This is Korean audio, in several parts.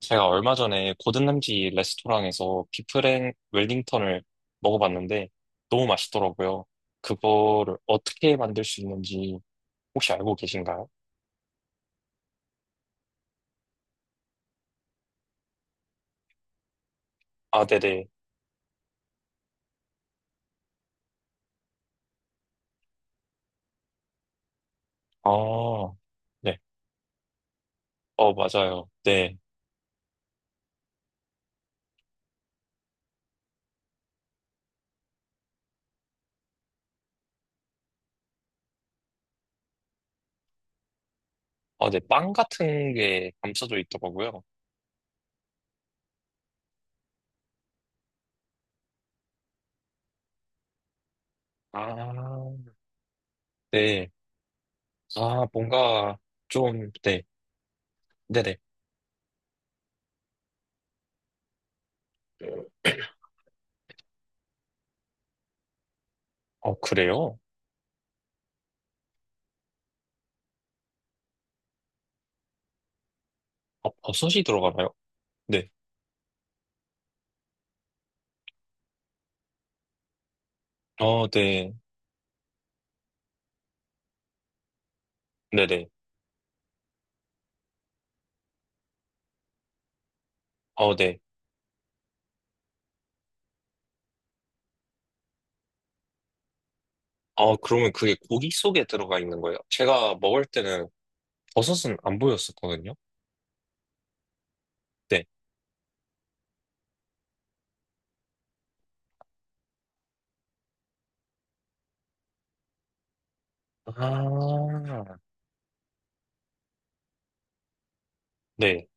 제가 얼마 전에 고든램지 레스토랑에서 비프랭 웰링턴을 먹어봤는데 너무 맛있더라고요. 그거를 어떻게 만들 수 있는지 혹시 알고 계신가요? 아, 네네. 아, 네. 맞아요. 네. 아, 네. 빵 같은 게 감싸져 있더라고요. 아, 네. 아, 뭔가 좀, 네. 네네. 그래요? 버섯이 들어가나요? 네. 어, 네. 네네. 어, 네. 아, 그러면 그게 고기 속에 들어가 있는 거예요? 제가 먹을 때는 버섯은 안 보였었거든요. 네. 아, 네.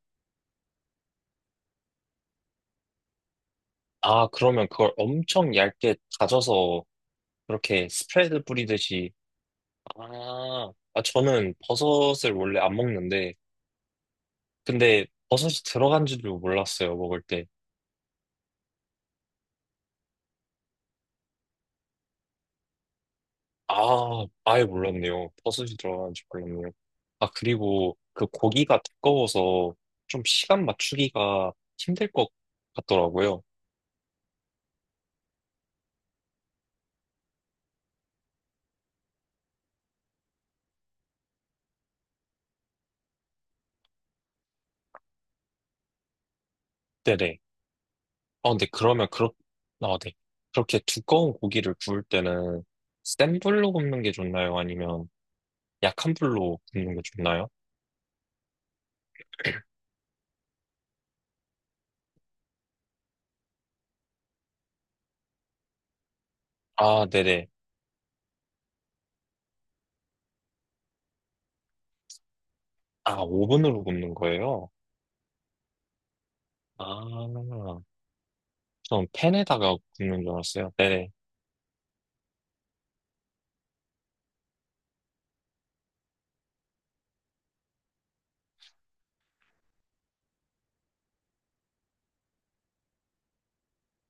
아, 그러면 그걸 엄청 얇게 다져서 그렇게 스프레드 뿌리듯이. 아, 아, 저는 버섯을 원래 안 먹는데, 근데 버섯이 들어간 줄도 몰랐어요, 먹을 때. 아, 아예 몰랐네요. 버섯이 들어간 줄 몰랐네요. 아, 그리고 그 고기가 두꺼워서 좀 시간 맞추기가 힘들 것 같더라고요. 네네. 근데 그러면 아, 네. 그렇게 두꺼운 고기를 구울 때는 센 불로 굽는 게 좋나요? 아니면 약한 불로 굽는 게 좋나요? 아, 네네. 아, 오븐으로 굽는 거예요? 아, 전 팬에다가 굽는 줄 알았어요. 네네.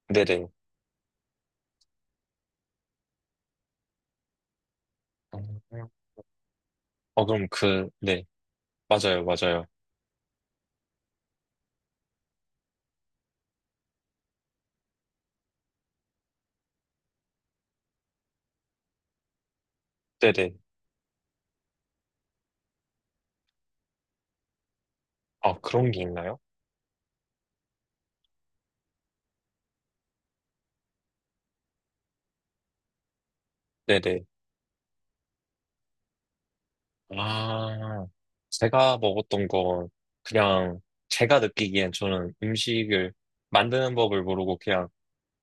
네네. 음. 그럼 네. 맞아요, 맞아요. 네네. 아, 그런 게 있나요? 네네. 아, 제가 먹었던 건 그냥 제가 느끼기엔 저는 음식을 만드는 법을 모르고 그냥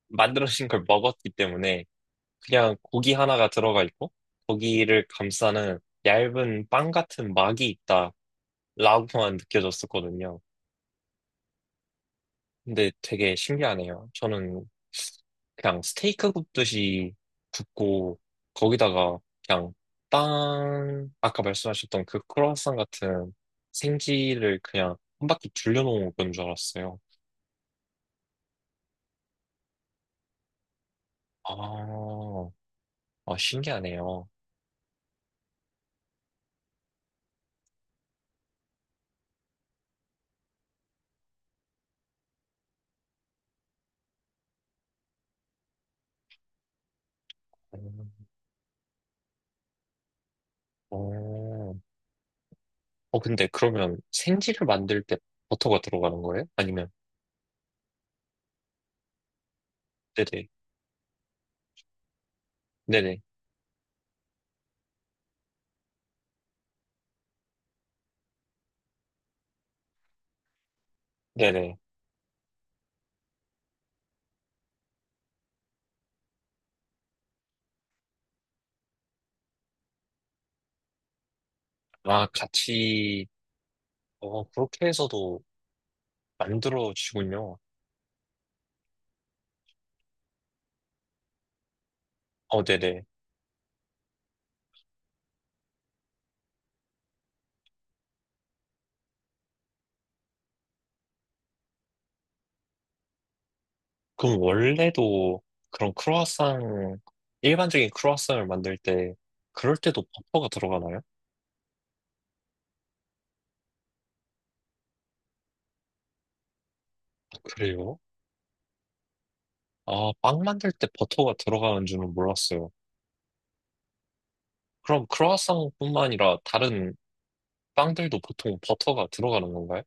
만들어진 걸 먹었기 때문에 그냥 고기 하나가 들어가 있고 고기를 감싸는 얇은 빵 같은 막이 있다라고만 느껴졌었거든요. 근데 되게 신기하네요. 저는 그냥 스테이크 굽듯이 굽고 거기다가 그냥 빵 아까 말씀하셨던 그 크로와상 같은 생지를 그냥 한 바퀴 둘려놓은 건 줄 알았어요. 아, 아, 신기하네요. 음. 오, 근데 그러면 생지를 만들 때 버터가 들어가는 거예요? 아니면, 네네, 네네, 네네. 아, 같이, 그렇게 해서도 만들어지군요. 어, 네네. 그럼 원래도 그런 크루아상, 일반적인 크루아상을 만들 때, 그럴 때도 버터가 들어가나요? 아, 그래요? 아, 빵 만들 때 버터가 들어가는 줄은 몰랐어요. 그럼 크루아상뿐만 아니라 다른 빵들도 보통 버터가 들어가는 건가요?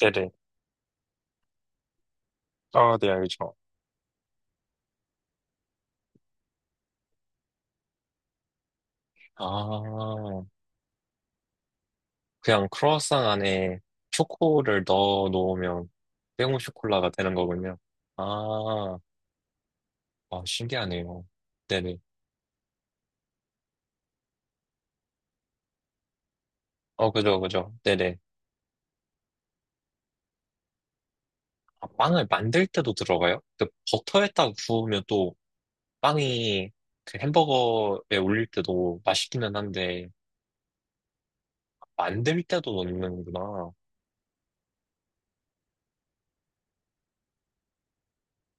네네. 아, 네, 알죠. 아, 그냥 크루아상 안에 초코를 넣어 놓으면 땡오 쇼콜라가 되는 거군요. 아, 아, 신기하네요. 네네. 그죠, 그죠. 네네. 아, 빵을 만들 때도 들어가요? 그 버터에다 구우면 또 빵이 그 햄버거에 올릴 때도 맛있기는 한데, 만들 때도 넣는구나.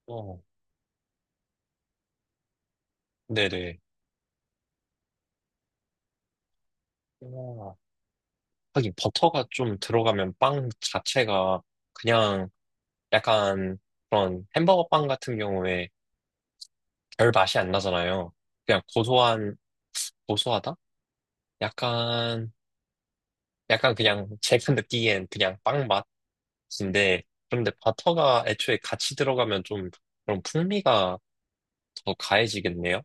어, 네네. 와, 하긴 버터가 좀 들어가면 빵 자체가 그냥 약간 그런 햄버거 빵 같은 경우에 별 맛이 안 나잖아요. 그냥 고소한, 고소하다? 약간, 약간 그냥 제가 느끼기엔 그냥 빵 맛인데, 그런데 버터가 애초에 같이 들어가면 좀 그런 풍미가 더 가해지겠네요?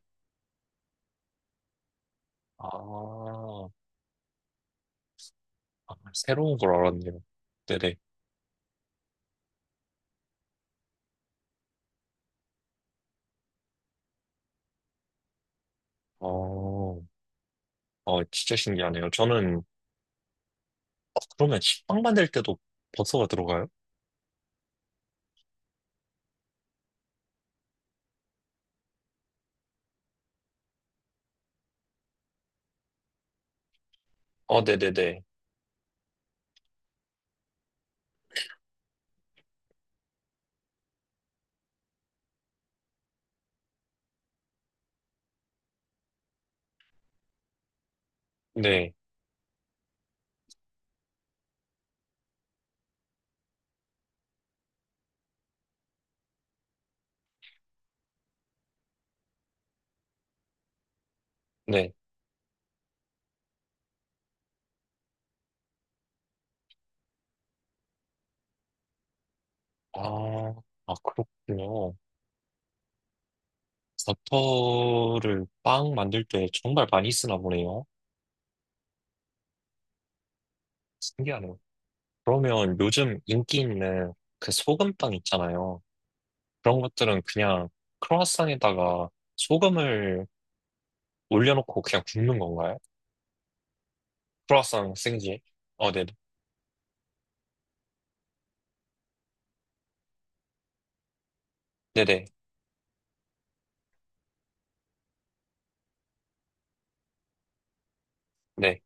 아, 아, 새로운 걸 알았네요. 네네. 어, 진짜 신기하네요. 저는, 그러면 식빵 만들 때도 버터가 들어가요? 어, 네네네. 네, 네. 아, 아, 그렇군요. 버터를 빵 만들 때 정말 많이 쓰나 보네요. 신기하네요. 그러면 요즘 인기 있는 그 소금빵 있잖아요. 그런 것들은 그냥 크로와상에다가 소금을 올려놓고 그냥 굽는 건가요? 크로와상 생지. 어, 네, 네네, 네,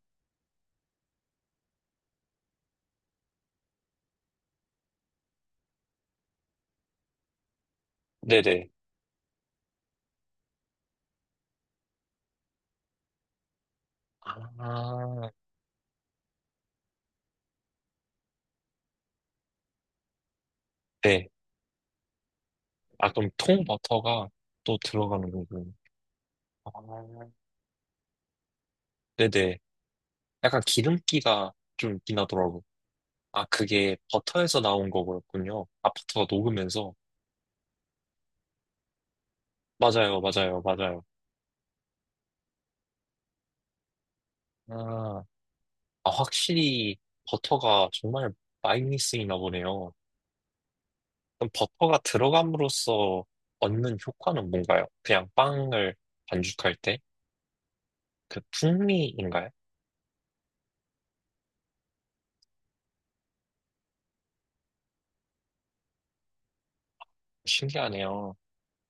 네네. 아, 네. 아, 그럼 통버터가 또 들어가는 거군요. 아, 네네. 약간 기름기가 좀 있긴 하더라고요. 아, 그게 버터에서 나온 거였군요. 아파트가 녹으면서. 맞아요, 맞아요, 맞아요. 아, 아, 확실히 버터가 정말 많이 쓰이나 보네요. 그럼 버터가 들어감으로써 얻는 효과는 뭔가요? 그냥 빵을 반죽할 때? 그 풍미인가요? 신기하네요.